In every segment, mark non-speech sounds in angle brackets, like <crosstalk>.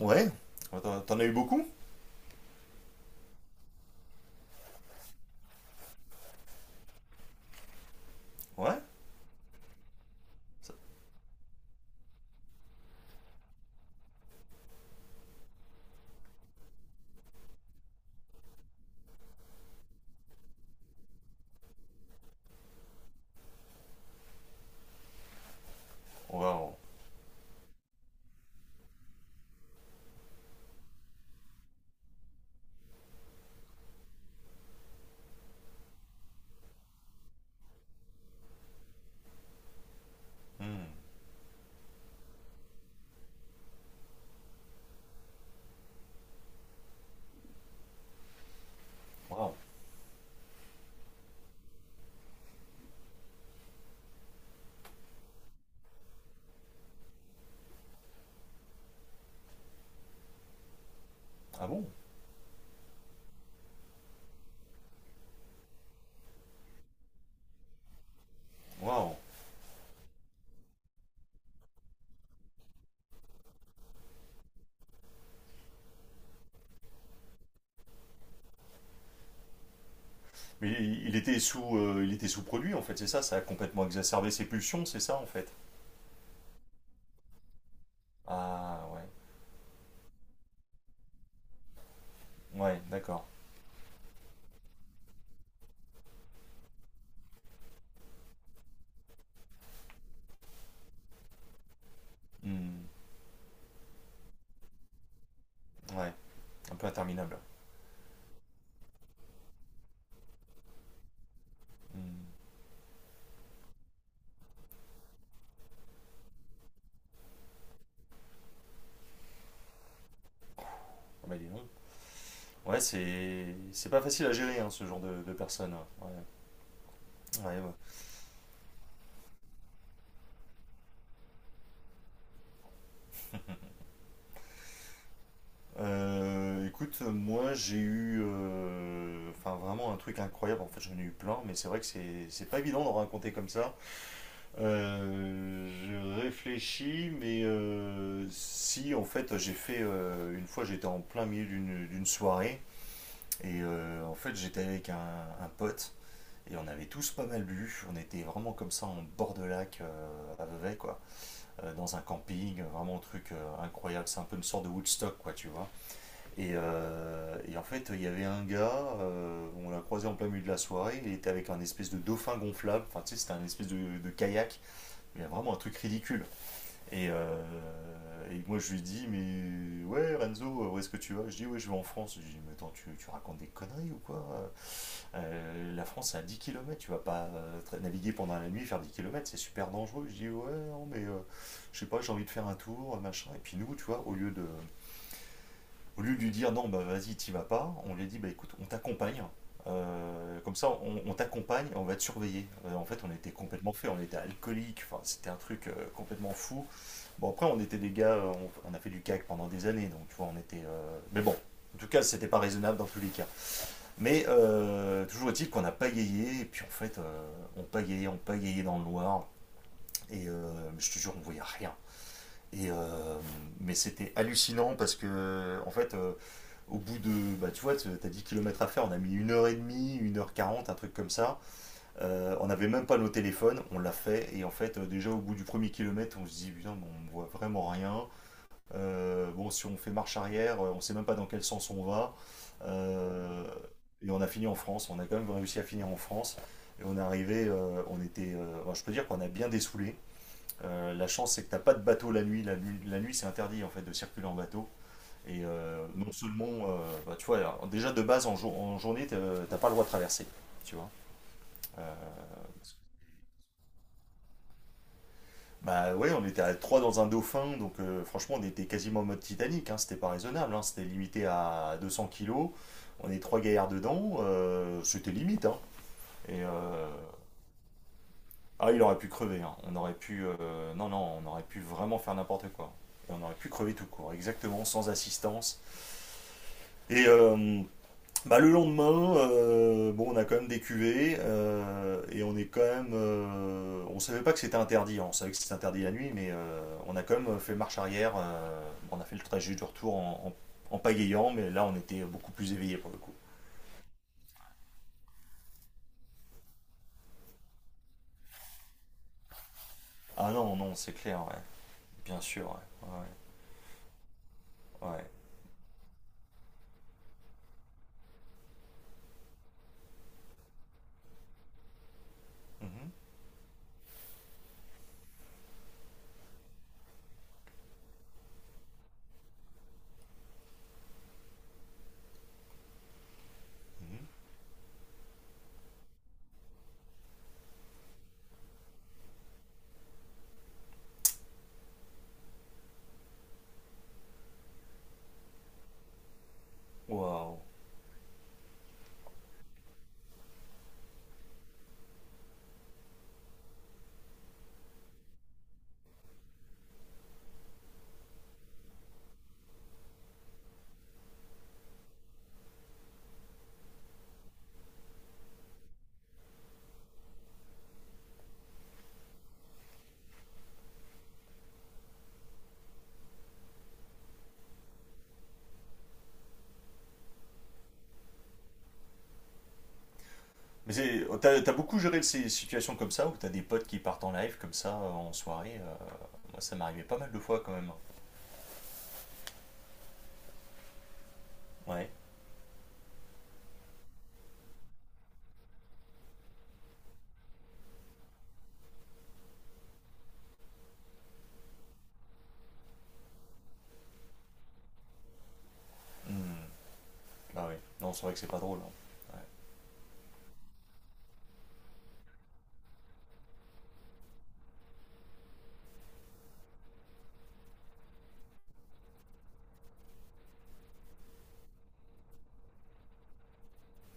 Ouais. Ouais, T'en as eu beaucoup? Ouais. Ça- Waouh. Hmm. Waouh. Ah bon? Waouh. Mais il était sous produit en fait, c'est ça. Ça a complètement exacerbé ses pulsions, c'est ça en fait. Ah ouais. Ouais, d'accord. Hmm. Ouais. Un peu interminable. Hmm. Ah bah dis donc. Ouais, c'est pas facile à gérer hein, ce genre de personnes. Ouais. Ouais, ouais. Écoute, moi j'ai eu enfin vraiment un truc incroyable. En fait, j'en ai eu plein, mais c'est vrai que c'est pas évident d'en raconter comme ça. Je réfléchis, mais si en fait j'ai fait une fois j'étais en plein milieu d'une soirée et en fait j'étais avec un pote et on avait tous pas mal bu, on était vraiment comme ça en bord de lac à Vevey quoi, dans un camping, vraiment un truc incroyable, c'est un peu une sorte de Woodstock quoi tu vois. Et en fait il y avait un gars, on l'a croisé en plein milieu de la soirée, il était avec un espèce de dauphin gonflable, enfin tu sais c'était un espèce de kayak. Il y a vraiment un truc ridicule. Et, euh, et moi, je lui dis, mais ouais, Renzo, où est-ce que tu vas? Je dis, ouais, je vais en France. Je lui dis, mais attends, tu racontes des conneries ou quoi? La France, c'est à 10 kilomètres. Tu vas pas naviguer pendant la nuit, faire 10 kilomètres, c'est super dangereux. Je dis, ouais, non, mais je sais pas, j'ai envie de faire un tour, machin. Et puis nous, tu vois, au lieu de lui dire, non, bah vas-y, t'y vas pas, on lui a dit, bah écoute, on t'accompagne. Comme ça, on t'accompagne, on va te surveiller. En fait, on était complètement fait, on était alcoolique, enfin, c'était un truc complètement fou. Bon, après, on était des gars, on a fait du CAC pendant des années, donc tu vois, on était, mais bon, en tout cas, c'était pas raisonnable dans tous les cas. Mais toujours est-il qu'on a pagayé, et puis en fait, on pagayait dans le noir, et je te jure, on voyait rien. Et mais c'était hallucinant parce que, en fait, au bout de, bah, tu vois, t'as 10 kilomètres à faire, on a mis une heure et demie, une heure quarante, un truc comme ça. On n'avait même pas nos téléphones, on l'a fait, et en fait, déjà au bout du premier kilomètre, on se dit, putain, mais on ne voit vraiment rien. Bon, si on fait marche arrière, on ne sait même pas dans quel sens on va. Euh, et on a fini en France. On a quand même réussi à finir en France. Et on est arrivé, on était, bon, je peux dire qu'on a bien dessoulé. La chance, c'est que t'as pas de bateau la nuit. La nuit, la nuit, c'est interdit en fait de circuler en bateau. Et non seulement, bah, tu vois, alors, déjà de base en, en journée, t'as pas le droit de traverser, tu vois. Euh, Bah ouais, on était à 3 dans un dauphin, donc franchement on était quasiment en mode Titanic, hein, c'était pas raisonnable, hein, c'était limité à 200 kilos, on est trois gaillards dedans, c'était limite. Hein, et ah il aurait pu crever, hein, on aurait pu... non, non, on aurait pu vraiment faire n'importe quoi. Et on aurait pu crever tout court, exactement, sans assistance. Et bah, le lendemain, bon, on a quand même des cuvées et on est quand même, on savait pas que c'était interdit, hein. On savait que c'était interdit la nuit, mais on a quand même fait marche arrière. On a fait le trajet du retour en pagayant, mais là on était beaucoup plus éveillé pour le coup. Ah non, non, c'est clair, ouais. Bien sûr, ouais. Ouais, ouais. Mhm, mhm. Waouh. Mais t'as beaucoup géré ces situations comme ça où t'as des potes qui partent en live comme ça en soirée. Moi ça m'arrivait pas mal de fois quand même. Ouais. Mhm. Bah oui, non, c'est vrai que c'est pas drôle. Hein. Ouais.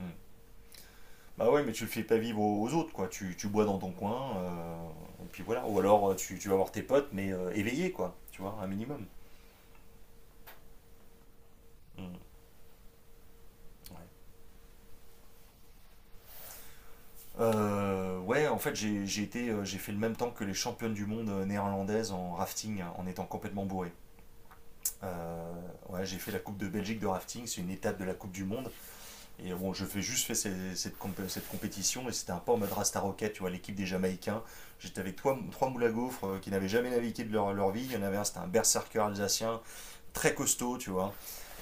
Mm. Bah ouais, mais tu le fais pas vivre aux autres, quoi. Tu bois dans ton coin, et puis voilà. Ou alors tu vas voir tes potes, mais éveillés, quoi. Tu vois, un minimum. Mm. Ouais. Ouais, en fait, j'ai été, j'ai fait le même temps que les championnes du monde néerlandaises en rafting, hein, en étant complètement bourré. Ouais, j'ai fait la Coupe de Belgique de rafting, c'est une étape de la Coupe du Monde. Et bon, je fais juste fait cette compétition et c'était un peu en mode Rasta Rocket, tu vois, l'équipe des Jamaïcains. J'étais avec trois moules à gaufres qui n'avaient jamais navigué de leur vie. Il y en avait un, c'était un berserker alsacien, très costaud, tu vois.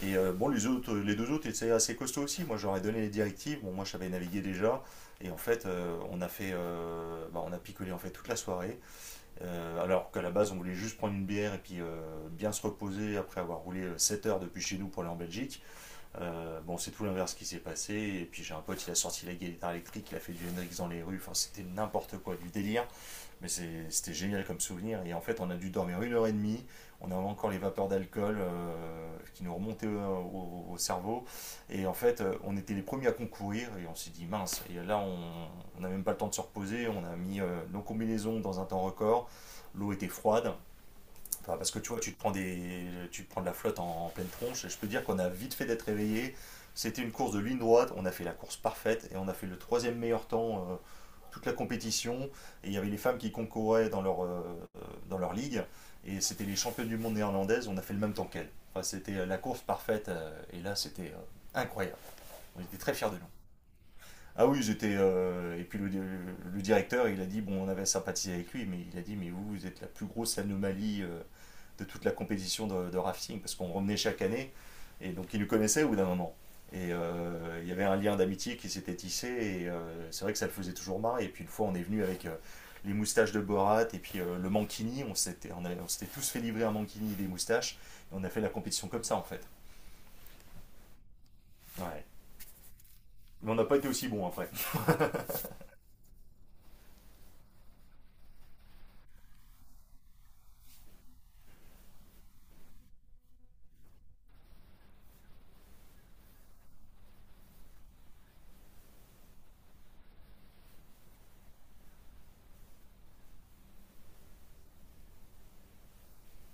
Et bon, les deux autres étaient assez costauds aussi. Moi, j'aurais donné les directives. Bon, moi, je savais naviguer déjà. Et en fait, on a fait, bah, on a picolé en fait toute la soirée. Alors qu'à la base, on voulait juste prendre une bière et puis bien se reposer après avoir roulé 7 heures depuis chez nous pour aller en Belgique. Bon, c'est tout l'inverse qui s'est passé. Et puis j'ai un pote, il a sorti la guitare électrique, il a fait du Hendrix dans les rues. Enfin, c'était n'importe quoi, du délire. Mais c'était génial comme souvenir. Et en fait, on a dû dormir une heure et demie. On avait encore les vapeurs d'alcool qui nous remontaient au cerveau. Et en fait, on était les premiers à concourir. Et on s'est dit, mince. Et là, on n'a même pas le temps de se reposer. On a mis nos combinaisons dans un temps record. L'eau était froide. Enfin, parce que tu vois, tu te prends de la flotte en pleine tronche. Et je peux te dire qu'on a vite fait d'être réveillé. C'était une course de ligne droite. On a fait la course parfaite et on a fait le troisième meilleur temps toute la compétition. Et il y avait les femmes qui concouraient dans leur ligue. Et c'était les championnes du monde néerlandaises. On a fait le même temps qu'elles. Enfin, c'était la course parfaite. Et là, c'était incroyable. On était très fiers de nous. Ah oui, j'étais. Et puis le, le directeur, il a dit bon, on avait sympathisé avec lui, mais il a dit mais vous, vous êtes la plus grosse anomalie de toute la compétition de rafting, parce qu'on revenait chaque année, et donc ils nous connaissaient au bout d'un moment. Et il y avait un lien d'amitié qui s'était tissé, et c'est vrai que ça le faisait toujours marrer. Et puis une fois, on est venu avec les moustaches de Borat, et puis le mankini, on s'était tous fait livrer un mankini et des moustaches, et on a fait la compétition comme ça en fait. Ouais. Mais on n'a pas été aussi bon après.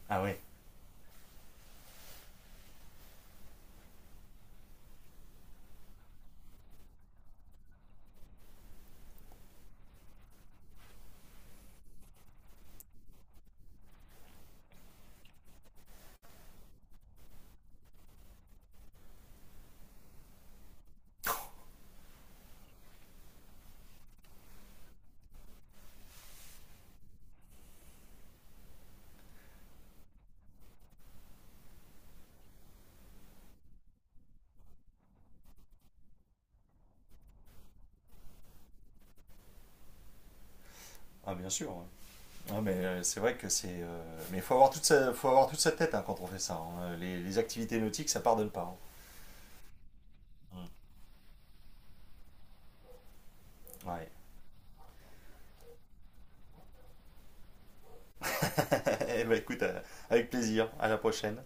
Ah ouais? Ah bien sûr. Ouais. Ah, mais c'est vrai que c'est. Mais faut avoir toute sa tête hein, quand on fait ça. Hein. Les activités nautiques, ça pardonne pas. Hein. Ouais. <laughs> Eh ben, écoute, avec plaisir. À la prochaine.